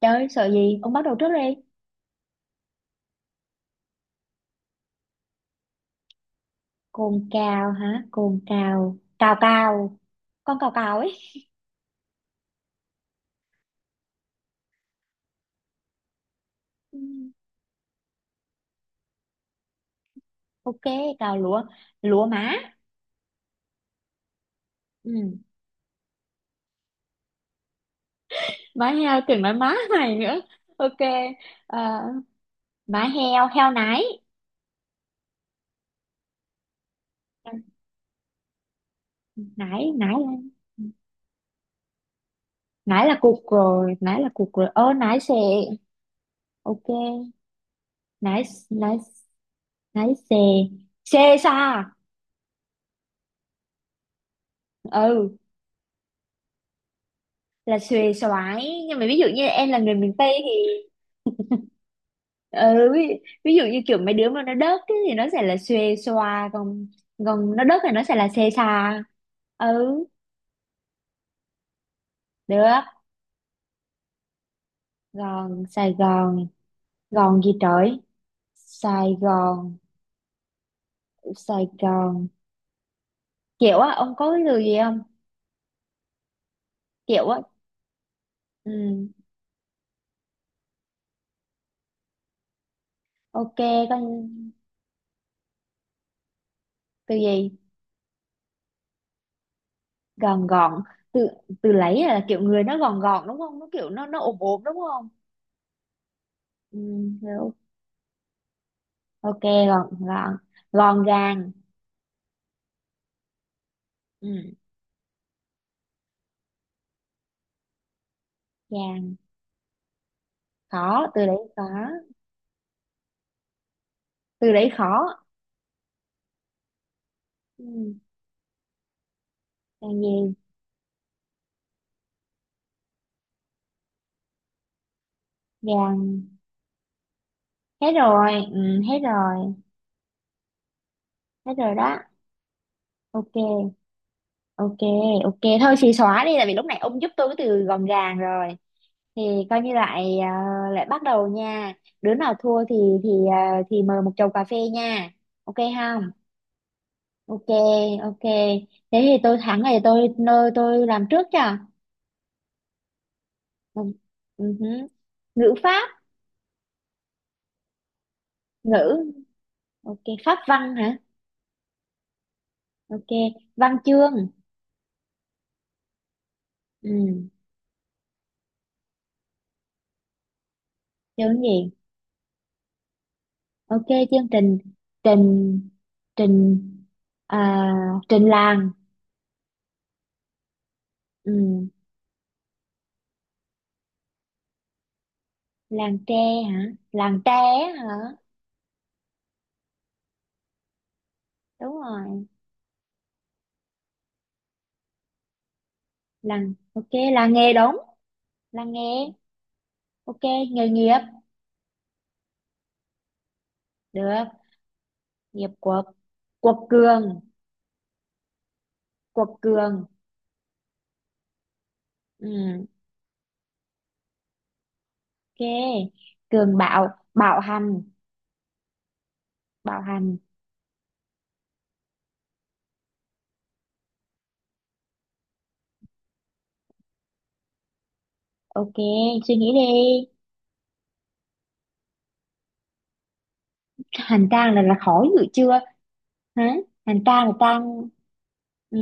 Trời ơi, sợ gì? Ông bắt đầu trước đi. Cồn cào hả? Cồn cào. Cào cào. Con cào cào ấy. Ừ, ok, cào lúa. Lúa má. Ừ. Má heo tưởng nói má mày nữa. Ok. Ờ, má heo, heo nái. Ừ, nái, nái là- Nái là cục rồi. Nái là cục rồi. Ơ, nái xề. Ok. Nái, nái, nái xề. Xê xa. Ừ. Là xuề xoái. Nhưng mà ví dụ như em là người miền Tây thì ừ, ví, ví dụ như kiểu mấy đứa mà nó đớt ấy, thì nó sẽ là xuê xoa còn còn nó đớt thì nó sẽ là xê xa. Ừ, được. Gòn, Sài Gòn. Gòn gì trời? Sài Gòn. Sài Gòn kiểu á, ông có cái từ gì không? Kiểu á. Ừ, ok, con, từ gì? Gòn gòn. Từ từ lấy là kiểu người nó gòn gòn, đúng không? Nó kiểu nó ốm ốm đúng không? Ừ, hiểu. Ok, gòn gòn, gòn gàng. Ừ, gàng khó, từ đấy khó. Từ đấy khó. Ừ. Còn gì? Vàng. Hết rồi. Ừ, hết rồi. Hết rồi đó. Ok, ok, ok, thôi chị xóa đi, tại vì lúc này ông giúp tôi cái từ gọn gàng rồi thì coi như lại lại bắt đầu nha. Đứa nào thua thì thì mời một chầu cà phê nha. Ok không? Ok, ok. Thế thì tôi thắng này, tôi nơi tôi làm trước cho. Ừ. Ừ hứ. Ngữ pháp. Ngữ, ok, pháp văn hả? Ok, văn chương. Ừ, chương gì? Ok, chương trình. Trình, trình, à, trình làng. Ừ, làng tre hả? Làng tre á hả? Đúng rồi. Làng, ok, làng nghề đúng. Làng nghề. Ok, nghề nghiệp. Được, nghiệp quật. Quật cường, quật cường. Ừ, ok. Cường bạo, bạo hành, bạo hành. Ok, suy nghĩ đi. Hành trang là khó dữ chưa. Hả? Hành trang là trang. Ừ,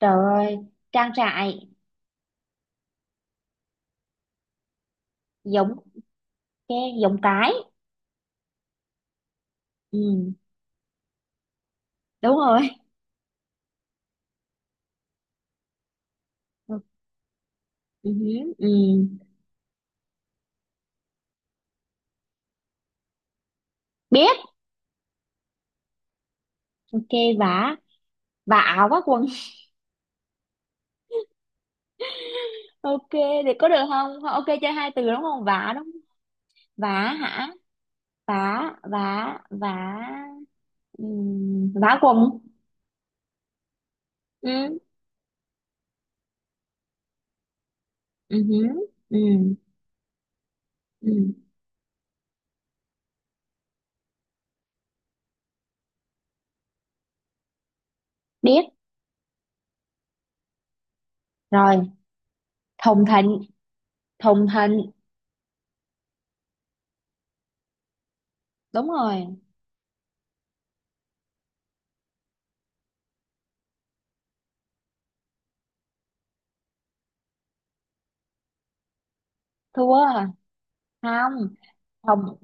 trời ơi, trang trại. Giống, cái giống, cái. Ừ, đúng rồi. Ừ, ừ, ừ. Biết. Ok, vả, vả áo vá quần. Ok, thì có được không? Ok, chơi hai từ đúng không? Vả đúng không? Vả hả? Vả, vả, vả. Ừ, vả quần. Ừ, ừ, ừ, ừ. Biết rồi. Thùng thịnh, thùng thịnh. Đúng rồi. Thua. Không, không,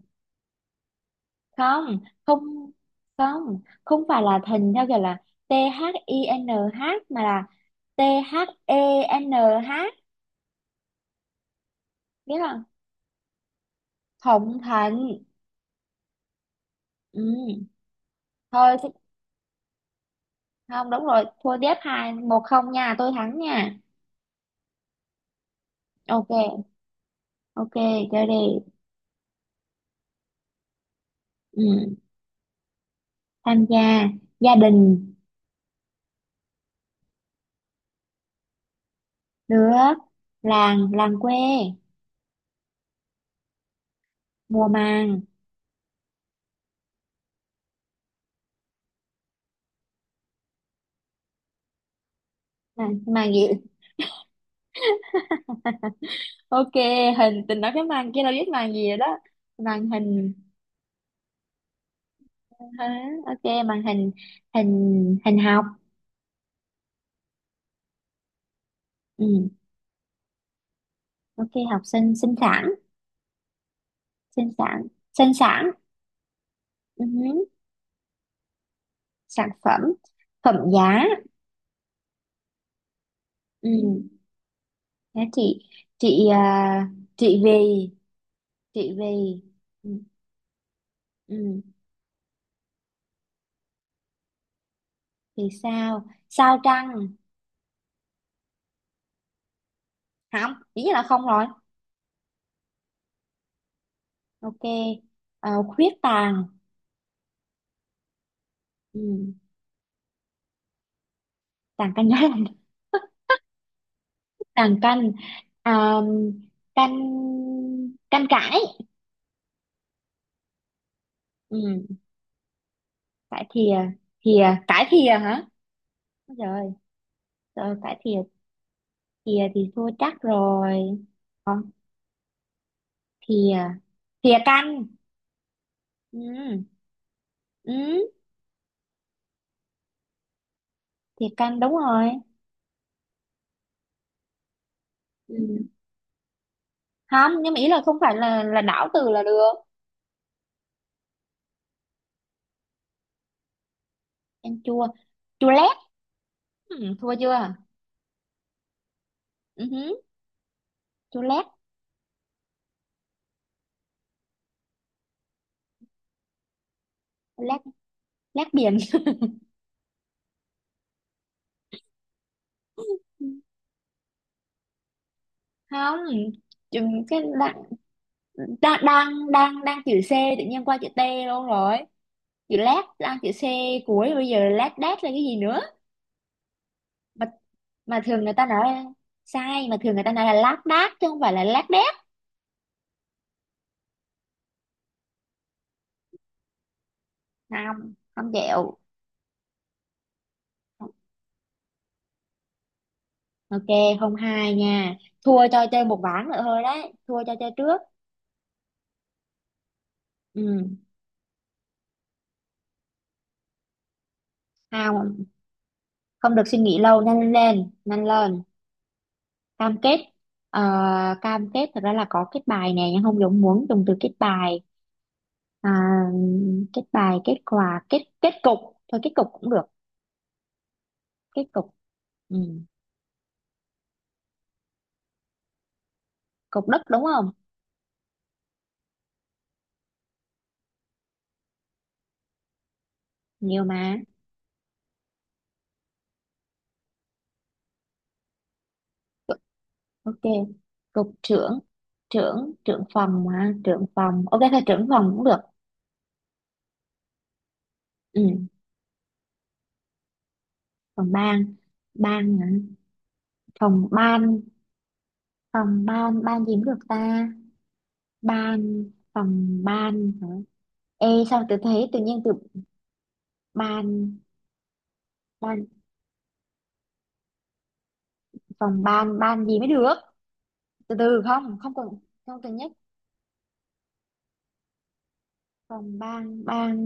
không, không, không. Không phải là thìn theo kiểu là t h i n h, mà là t h e n h. Biết không? Thụng thịnh. Ừ. Thôi thì- không, đúng rồi, thua tiếp, hai một không nha, tôi thắng nha. Ok, ok, chơi đi. Ừ. Tham gia. Gia đình. Nước. Làng, làng quê. Mùa màng. Màng, màng gì? Ok, hình, tình nói cái màn kia đâu, biết màn gì rồi đó. Màn hình hả? Ok, màn hình. Hình, hình học. Ừ. Ok, học sinh. Sinh sản. Sinh sản, sinh sản. Ừ. Sản phẩm. Phẩm giá. Ừ. Đó, chị chị vì, chị vì. Ừ. Ừ. Thì sao, sao trăng. Không, ý là không rồi. Ok, khuyết tàn. Ừ. Tàn cái nhớ. Nàng canh, à, canh, canh cải. Ừ, cải thìa. Thìa cải thìa hả? Ôi trời, trời cải thìa. Thìa thì thua chắc rồi. Còn thìa, thìa canh. Ừ, ừ, thìa canh đúng rồi. Ừ. Không nhưng mà ý là không phải là đảo từ là được. Canh chua, chua lét. Ừ, thua chưa? Ừ hứ, chua lét. Lét, lét biển. Không, chùm cái. Đang đang đang đang chữ C, tự nhiên qua chữ T luôn rồi. Chữ lát đang chữ C cuối, bây giờ lát đát là cái gì nữa. mà mà thường người ta nói là sai, mà thường người ta nói là lát đát chứ không phải là lát đét. Không, không chịu. Ok, không hai nha. Thua cho chơi một ván nữa thôi đấy, thua cho chơi trước. Ừ. Không, không được suy nghĩ lâu, nhanh lên, nhanh lên. Cam kết. Ờ, cam kết. Thật ra là có kết bài nè nhưng không giống muốn dùng từ kết bài. à, Kết bài, kết quà, kết, kết cục. Thôi kết cục cũng được. Kết cục. Ừ. Cục đất đúng không? Nhiều mà. Ok, cục trưởng. Trưởng, trưởng phòng, mà trưởng phòng, ok thôi trưởng phòng cũng được. Ừ. Phòng ban. Ban hả? Phòng ban. Phòng ban, ban gì cũng được ta. Ban, phòng ban hả? Ê, sao tôi thấy tự nhiên từ ban. Ban, phòng ban, ban gì mới được. Từ từ không, không cần. Không cần nhất. Phòng ban, ban,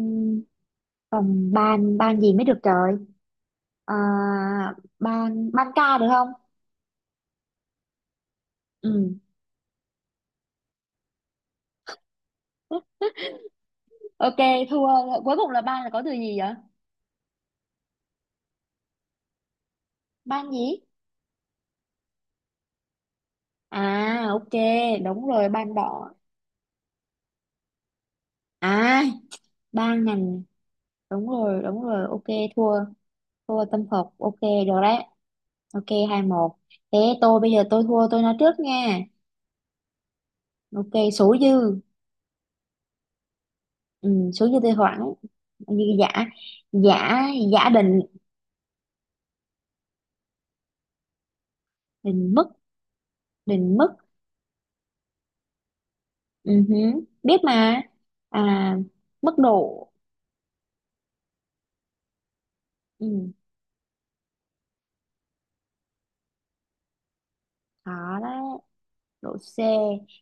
phòng ban, ban gì mới được trời. à, Ban, ban ca được không? Ừ. Ok, thua. Cuối cùng là ban là có từ gì vậy? Ban gì? À, ok, đúng rồi, ban đỏ. à Ban ngành. Đúng rồi, đúng rồi, ok. Thua, thua tâm phục. Ok, được đấy. Ok, hai một. Thế tôi bây giờ tôi thua tôi nói trước nha. Ok, số dư. Ừ, số dư tôi hoãn như giả. Giả, giả định. Định mức. Định mức. Ừ hứ, biết mà. À, mức độ. Ừ. Đó đấy, độ C.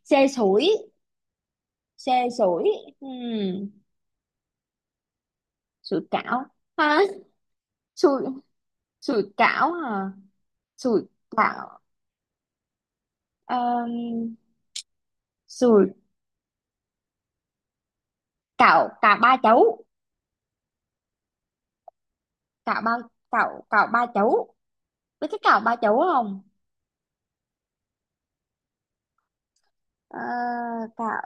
C sủi, C sủi. Ừ, sủi cảo hả? Sủi, sủi cảo hả? Sủi cảo. um, Sủi cảo, cảo ba chấu. Cảo ba, cảo, cảo ba chấu, biết cái cảo ba chấu không? Ờ, cảo,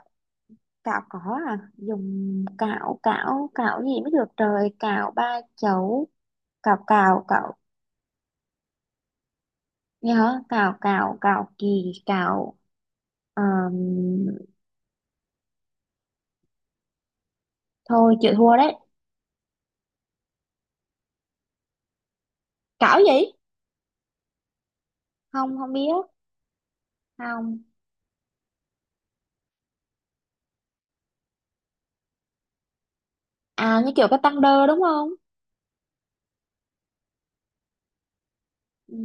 cảo có. À dùng cảo, cảo, cảo gì mới được trời, cảo ba chấu. Cào cào cào, nghe hả? Cào cào cào kỳ cào. Ờm, Thôi chịu thua đấy. Cảo gì? Không, không biết. Không. À, như kiểu cái tăng đơ đúng không? Ừ,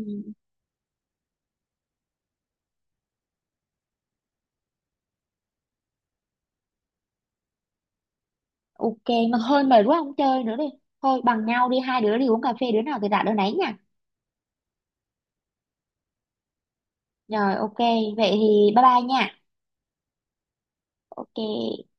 ok. Mà thôi mệt quá không chơi nữa đi. Thôi bằng nhau đi, hai đứa đi uống cà phê, đứa nào thì đạt đứa nấy nha. Rồi ok. Vậy thì bye bye nha. Ok.